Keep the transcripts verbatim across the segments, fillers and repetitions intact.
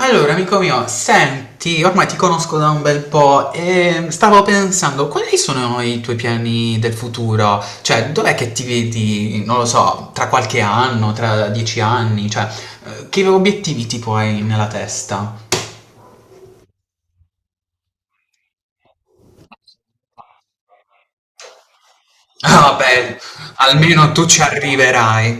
Allora, amico mio, senti, ormai ti conosco da un bel po' e stavo pensando, quali sono i tuoi piani del futuro? Cioè, dov'è che ti vedi, non lo so, tra qualche anno, tra dieci anni? Cioè, eh, che obiettivi tipo hai nella testa? Ah, beh, almeno tu ci arriverai.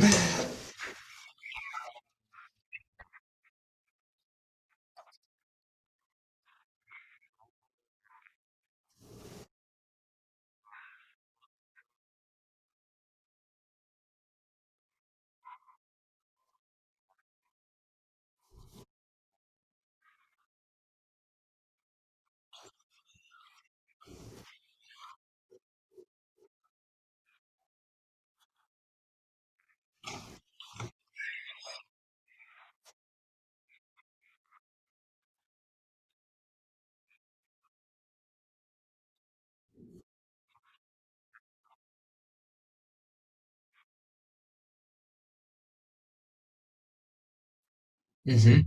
Mhm.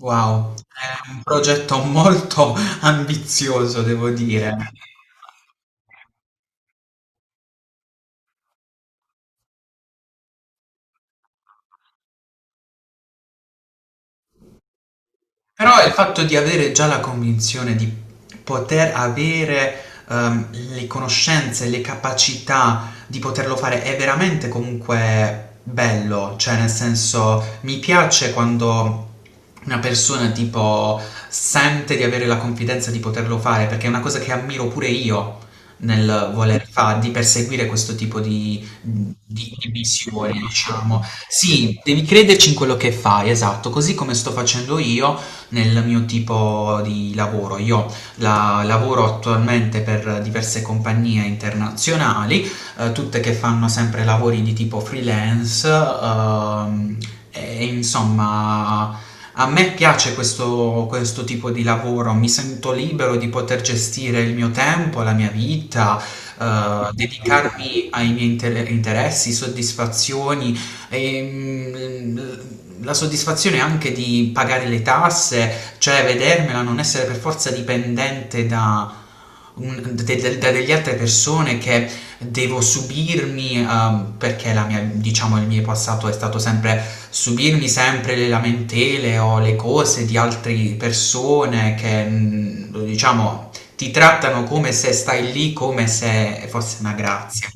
Wow, è un progetto molto ambizioso, devo dire. Però il fatto di avere già la convinzione di poter avere, ehm, le conoscenze, le capacità di poterlo fare è veramente comunque bello, cioè nel senso mi piace quando una persona tipo sente di avere la confidenza di poterlo fare, perché è una cosa che ammiro pure io nel voler fare, di perseguire questo tipo di, di, di missione, diciamo. Sì, devi crederci in quello che fai, esatto, così come sto facendo io, nel mio tipo di lavoro. Io la- lavoro attualmente per diverse compagnie internazionali, eh, tutte che fanno sempre lavori di tipo freelance, ehm, e insomma. A me piace questo, questo tipo di lavoro, mi sento libero di poter gestire il mio tempo, la mia vita, eh, dedicarmi ai miei inter- interessi, soddisfazioni, e, mm, la soddisfazione anche di pagare le tasse, cioè vedermela, non essere per forza dipendente da, un- de- de- da delle altre persone che devo subirmi, ehm, perché la mia- diciamo, il mio passato è stato sempre subirmi sempre le lamentele o le cose di altre persone che, mm, diciamo, ti trattano come se stai lì, come se fosse una grazia.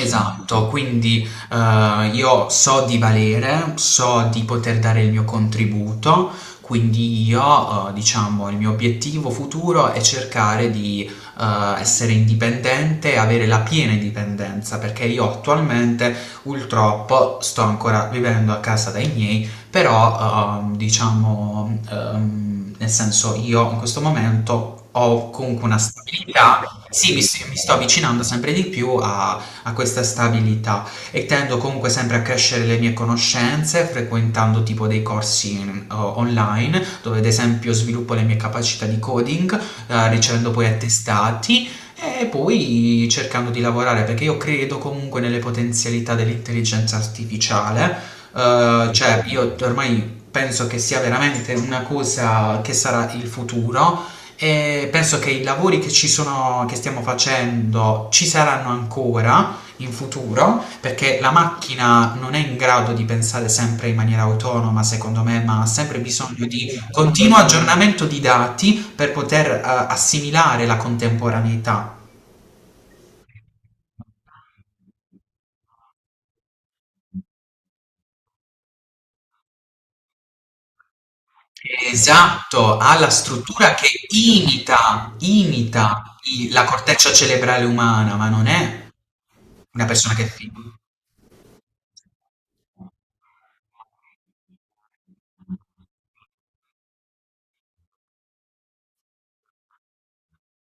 Esatto, quindi eh, io so di valere, so di poter dare il mio contributo, quindi io, eh, diciamo, il mio obiettivo futuro è cercare di eh, essere indipendente e avere la piena indipendenza, perché io attualmente purtroppo sto ancora vivendo a casa dai miei, però ehm, diciamo, ehm, nel senso io in questo momento ho comunque una stabilità, sì, mi, mi sto avvicinando sempre di più a a questa stabilità e tendo comunque sempre a crescere le mie conoscenze frequentando tipo dei corsi in- o- online dove ad esempio sviluppo le mie capacità di coding eh, ricevendo poi attestati e poi cercando di lavorare perché io credo comunque nelle potenzialità dell'intelligenza artificiale. Eh, cioè, io ormai penso che sia veramente una cosa che sarà il futuro e penso che i lavori che ci sono, che stiamo facendo ci saranno ancora in futuro, perché la macchina non è in grado di pensare sempre in maniera autonoma, secondo me, ma ha sempre bisogno di continuo aggiornamento di dati per poter eh, assimilare la contemporaneità. Esatto, ha la struttura che imita, imita i- la corteccia cerebrale umana, ma non è una persona che filma.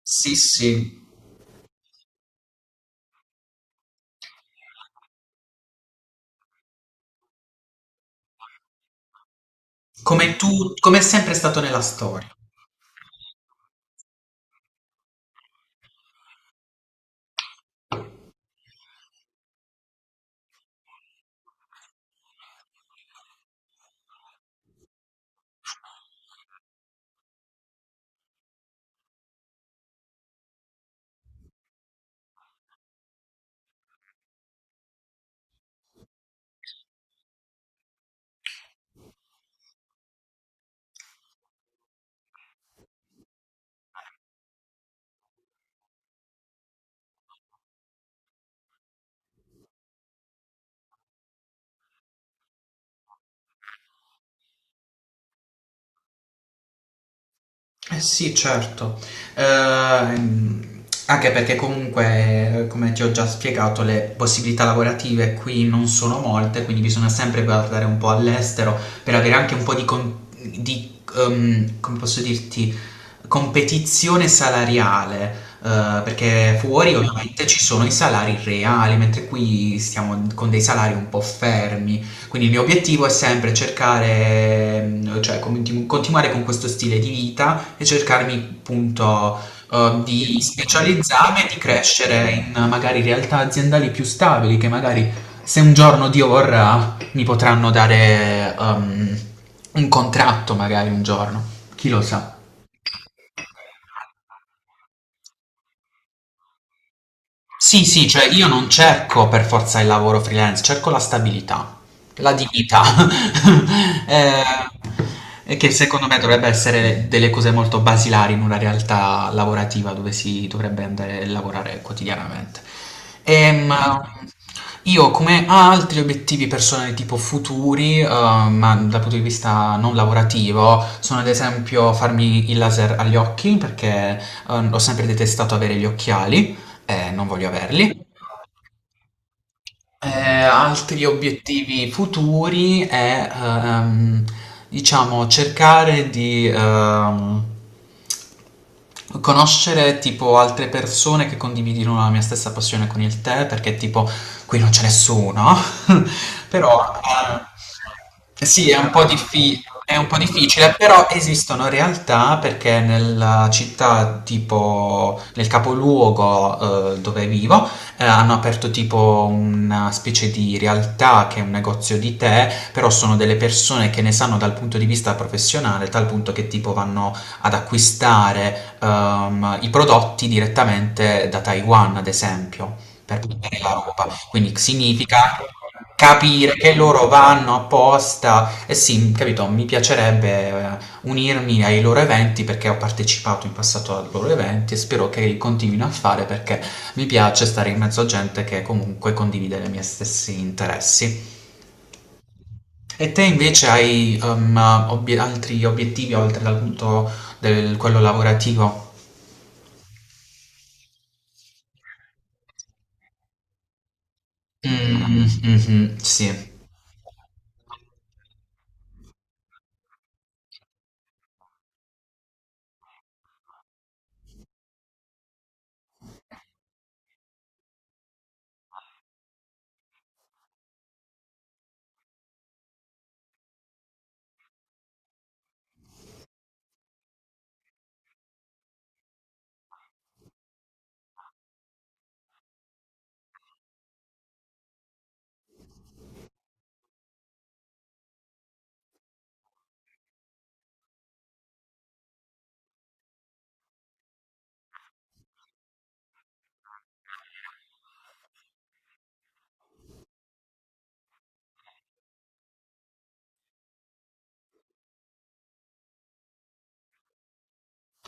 Sì, sì, come tu, come è sempre stato nella storia. Eh sì, certo. Ehm, anche perché comunque, eh, come ti ho già spiegato, le possibilità lavorative qui non sono molte, quindi bisogna sempre guardare un po' all'estero per avere anche un po' di, con- di, ehm, come posso dirti, competizione salariale. Eh, perché fuori ovviamente ci sono i salari reali, mentre qui stiamo con dei salari un po' fermi. Quindi il mio obiettivo è sempre cercare, ehm, cioè continu- continuare con questo stile di vita musica e cercarmi appunto eh, di specializzarmi e di crescere in magari realtà aziendali più stabili che magari se un giorno Dio vorrà mi potranno dare ehm, un contratto magari un giorno, chi lo sa. Sì, sì, cioè io non cerco per forza il lavoro freelance, cerco la stabilità, la dignità, eh, e che secondo me dovrebbe essere delle cose molto basilari in una realtà lavorativa dove si dovrebbe andare a lavorare quotidianamente. Ehm, io come altri obiettivi personali tipo futuri, eh, ma dal punto di vista non lavorativo, sono ad esempio farmi il laser agli occhi perché eh, ho sempre detestato avere gli occhiali. Eh, non voglio averli. Eh, Altri obiettivi futuri è, eh, ehm, diciamo, cercare di, ehm conoscere tipo altre persone che condividono la mia stessa passione con il tè, perché tipo qui non c'è nessuno, però eh, sì, è un po' diffi- è un po' difficile, però esistono realtà perché nella città, tipo nel capoluogo eh, dove vivo, eh, hanno aperto tipo una specie di realtà che è un negozio di tè, però sono delle persone che ne sanno dal punto di vista professionale, tal punto che tipo vanno ad acquistare ehm, i prodotti direttamente da Taiwan, ad esempio, per portare la roba. Quindi significa capire che loro vanno apposta. E sì, capito, mi piacerebbe eh, unirmi ai loro eventi perché ho partecipato in passato ai loro eventi e spero che li continuino a fare perché mi piace stare in mezzo a gente che comunque condivide i miei stessi interessi. E te invece hai ehm, obie- altri obiettivi oltre dal punto del quello lavorativo? Mh, mh-mh, sì.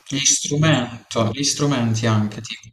Gli strumento gli strumenti anche, tipo.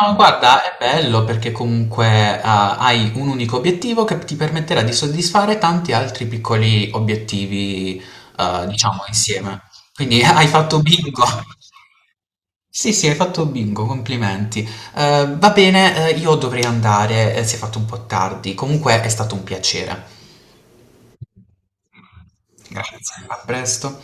No, guarda, è bello perché comunque ah, hai un unico obiettivo che ti permetterà di soddisfare tanti altri piccoli obiettivi, eh, diciamo, insieme. Quindi hai fatto bingo. Sì, sì, hai fatto bingo, complimenti. Eh, va bene, eh, io dovrei andare, eh, si è fatto un po' tardi. Comunque è stato un piacere. Grazie, a presto.